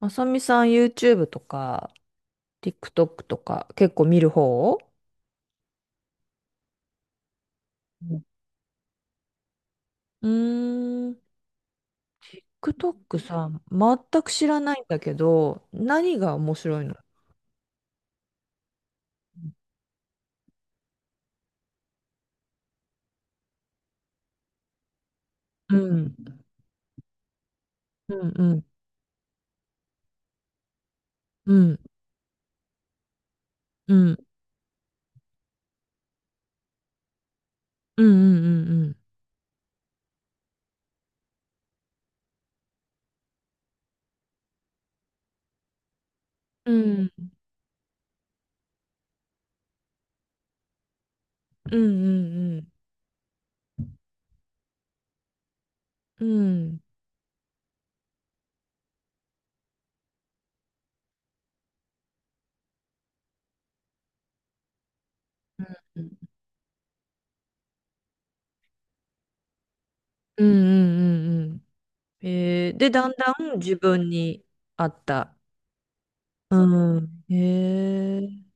まさみさん YouTube とか TikTok とか結構見る方？うんうーん。TikTok さ、全く知らないんだけど、何が面白いの？うん。うんうんうんうんうんうんうんうんうんうんうんうんうんうんうんで、だんだん自分に合った。うん。へえ。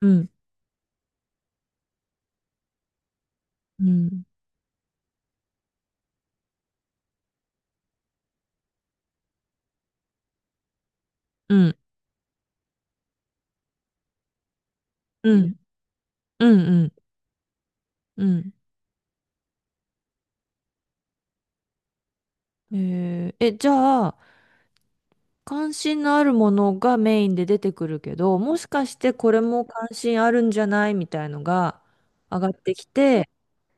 うんうんうんうんうんうんうんじゃあ、関心のあるものがメインで出てくるけど、もしかしてこれも関心あるんじゃないみたいのが上がってきて、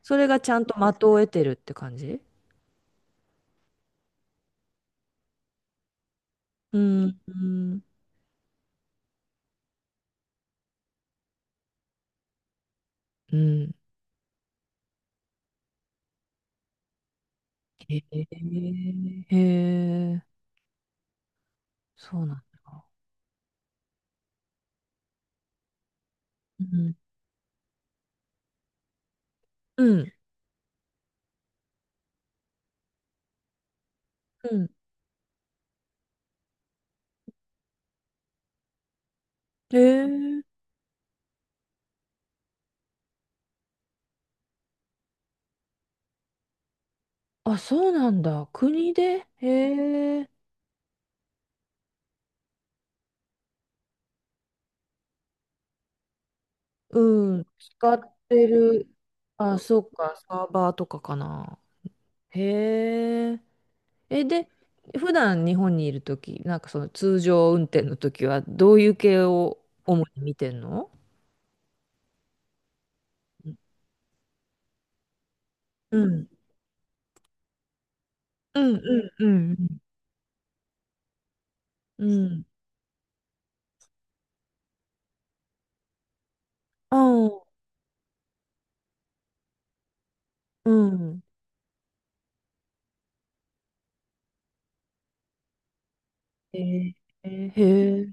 それがちゃんと的を得てるって感じ？うん、うん、うん。へえ、へえ、そうなんだ。うん、うん、うん。へえ、あ、そうなんだ。国で、へえ、うん、使ってる。あ、そっか、サーバーとかかな。へえ。で、普段日本にいるとき、なんかその通常運転のときは、どういう系を主に見てんの？うん。うんうんうんうん。うん。ああ、うん。へー、えへえ、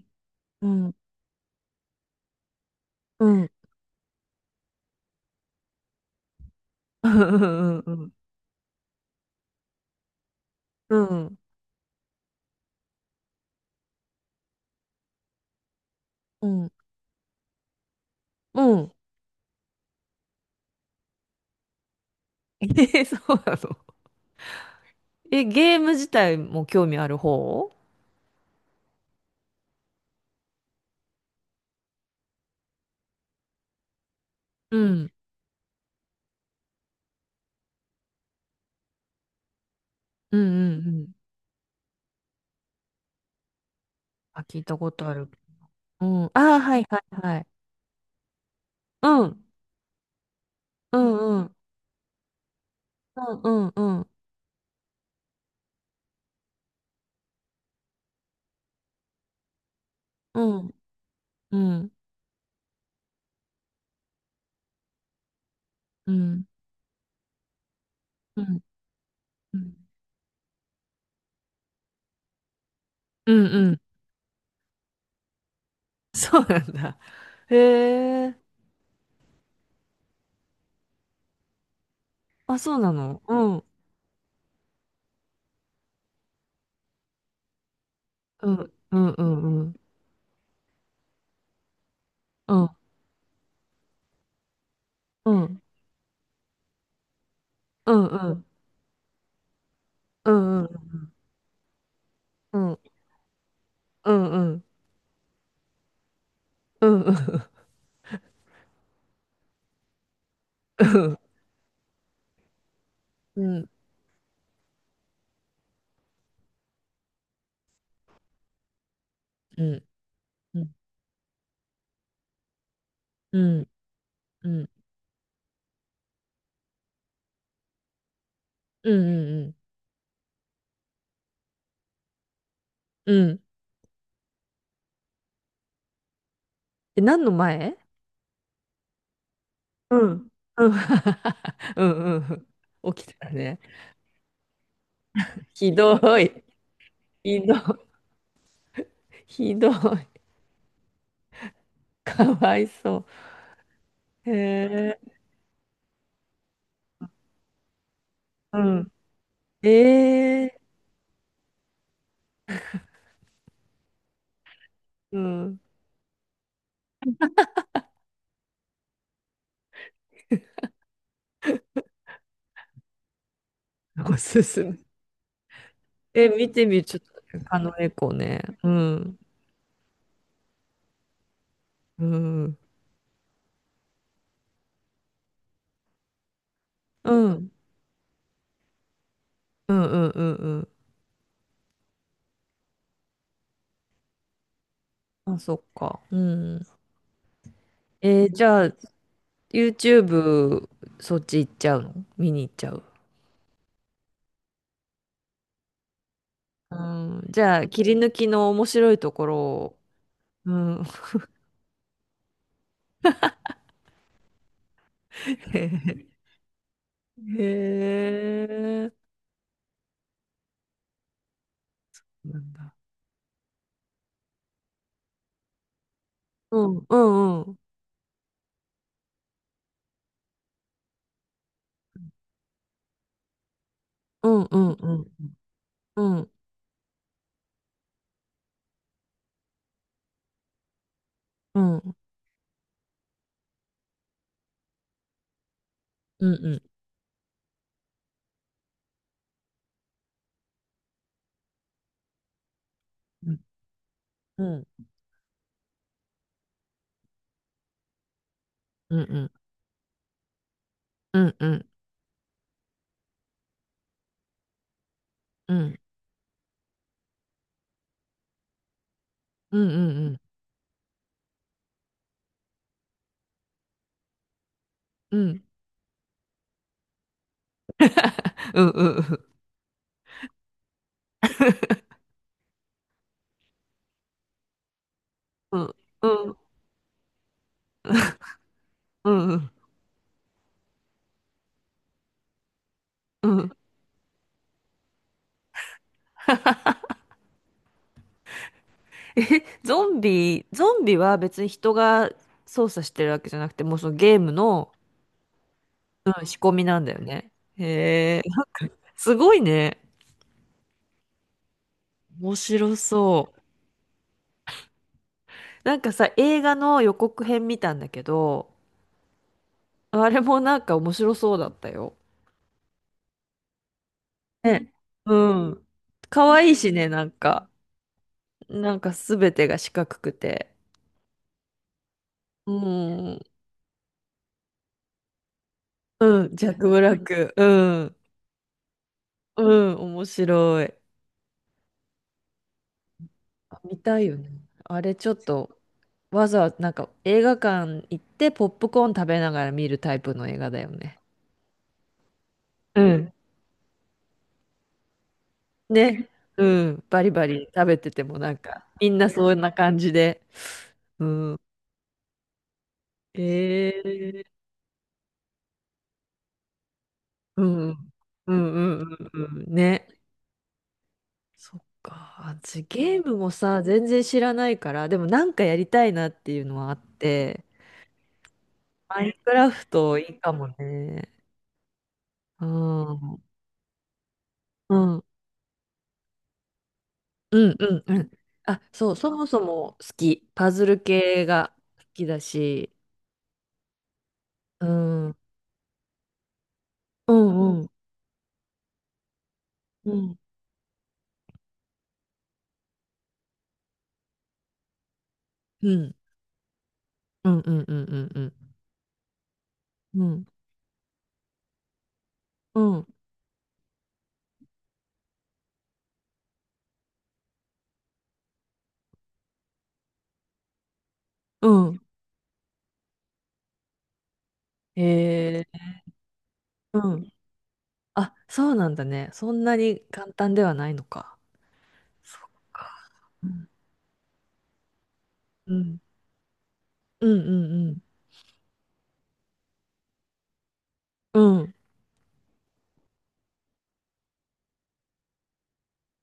うん、うん。うんうんうんうん。うん。えー、そうなの。え、ゲーム自体も興味ある方？うん。うんうんうん。あ、聞いたことある。うん。ああ、はいはいはい。うん。うんうん。うんうんうん。うん、うん、うん、うん、うん、うん、そうなんだ。へえ、あ、そうなの。うん、うん、うん、うん、うん、うん、うん、うん、うん、うん、うん、うん、うん、うん、うん、うん、うん、うん、うん、うん、うん、うん、うん、え、何の前？うん、うん、うん、うん、起きたね。ひどい、ひどい、ひどい、かわいそう。へえ、うん、ええ、うん。進む。え見てみちょっとあの猫ね。うんうんうんうんうんうんうんうん。あそっか。うん。じゃあ YouTube そっち行っちゃうの見に行っちゃう？うん。じゃあ切り抜きの面白いところ。うん。へへへ。へえ。なんだ。うんうんうんうんうんうんうんうんうんうんうんうんうんうんうんうんうんうんうん。うん。うんうんうんうんうんうんうん。うんえ、ゾンビ、ゾンビは別に人が操作してるわけじゃなくて、もうそのゲームの、うん、仕込みなんだよね。へえ、なんかすごいね。面白そう。なんかさ、映画の予告編見たんだけど、あれもなんか面白そうだったよ。ね。うん。可愛いしね、なんか。なんかすべてが四角くて。うん。うん、ジャック・ブラック。うん。うん、面白い。あ見たいよね。あれちょっとわざわざなんか映画館行ってポップコーン食べながら見るタイプの映画だよね。うん。ね。うん。バリバリ食べててもなんかみんなそんな感じで。うん。ええうん。うんうんうんうん。ね。そっか。私ゲームもさ、全然知らないから、でもなんかやりたいなっていうのはあって、マインクラフトいいかもね。うん。うん。うんうんうん。あ、そう、そもそも好き。パズル系が好きだし。うん。うんうんうん。うんうんうんうんうんうん。うんうんうん。へえ。うん。あ、そうなんだね。そんなに簡単ではないのか。そっか。うんうんうんうんうん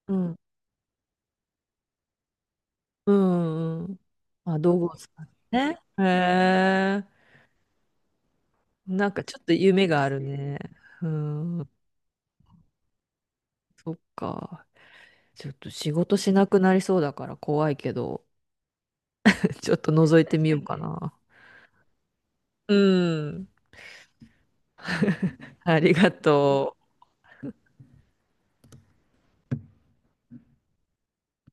うんうんうん。まあ、道具を使ってね。へえ。なんかちょっと夢があるね。うん。そっか。ちょっと仕事しなくなりそうだから怖いけど、ちょっと覗いてみようかな。うん。ありがとう。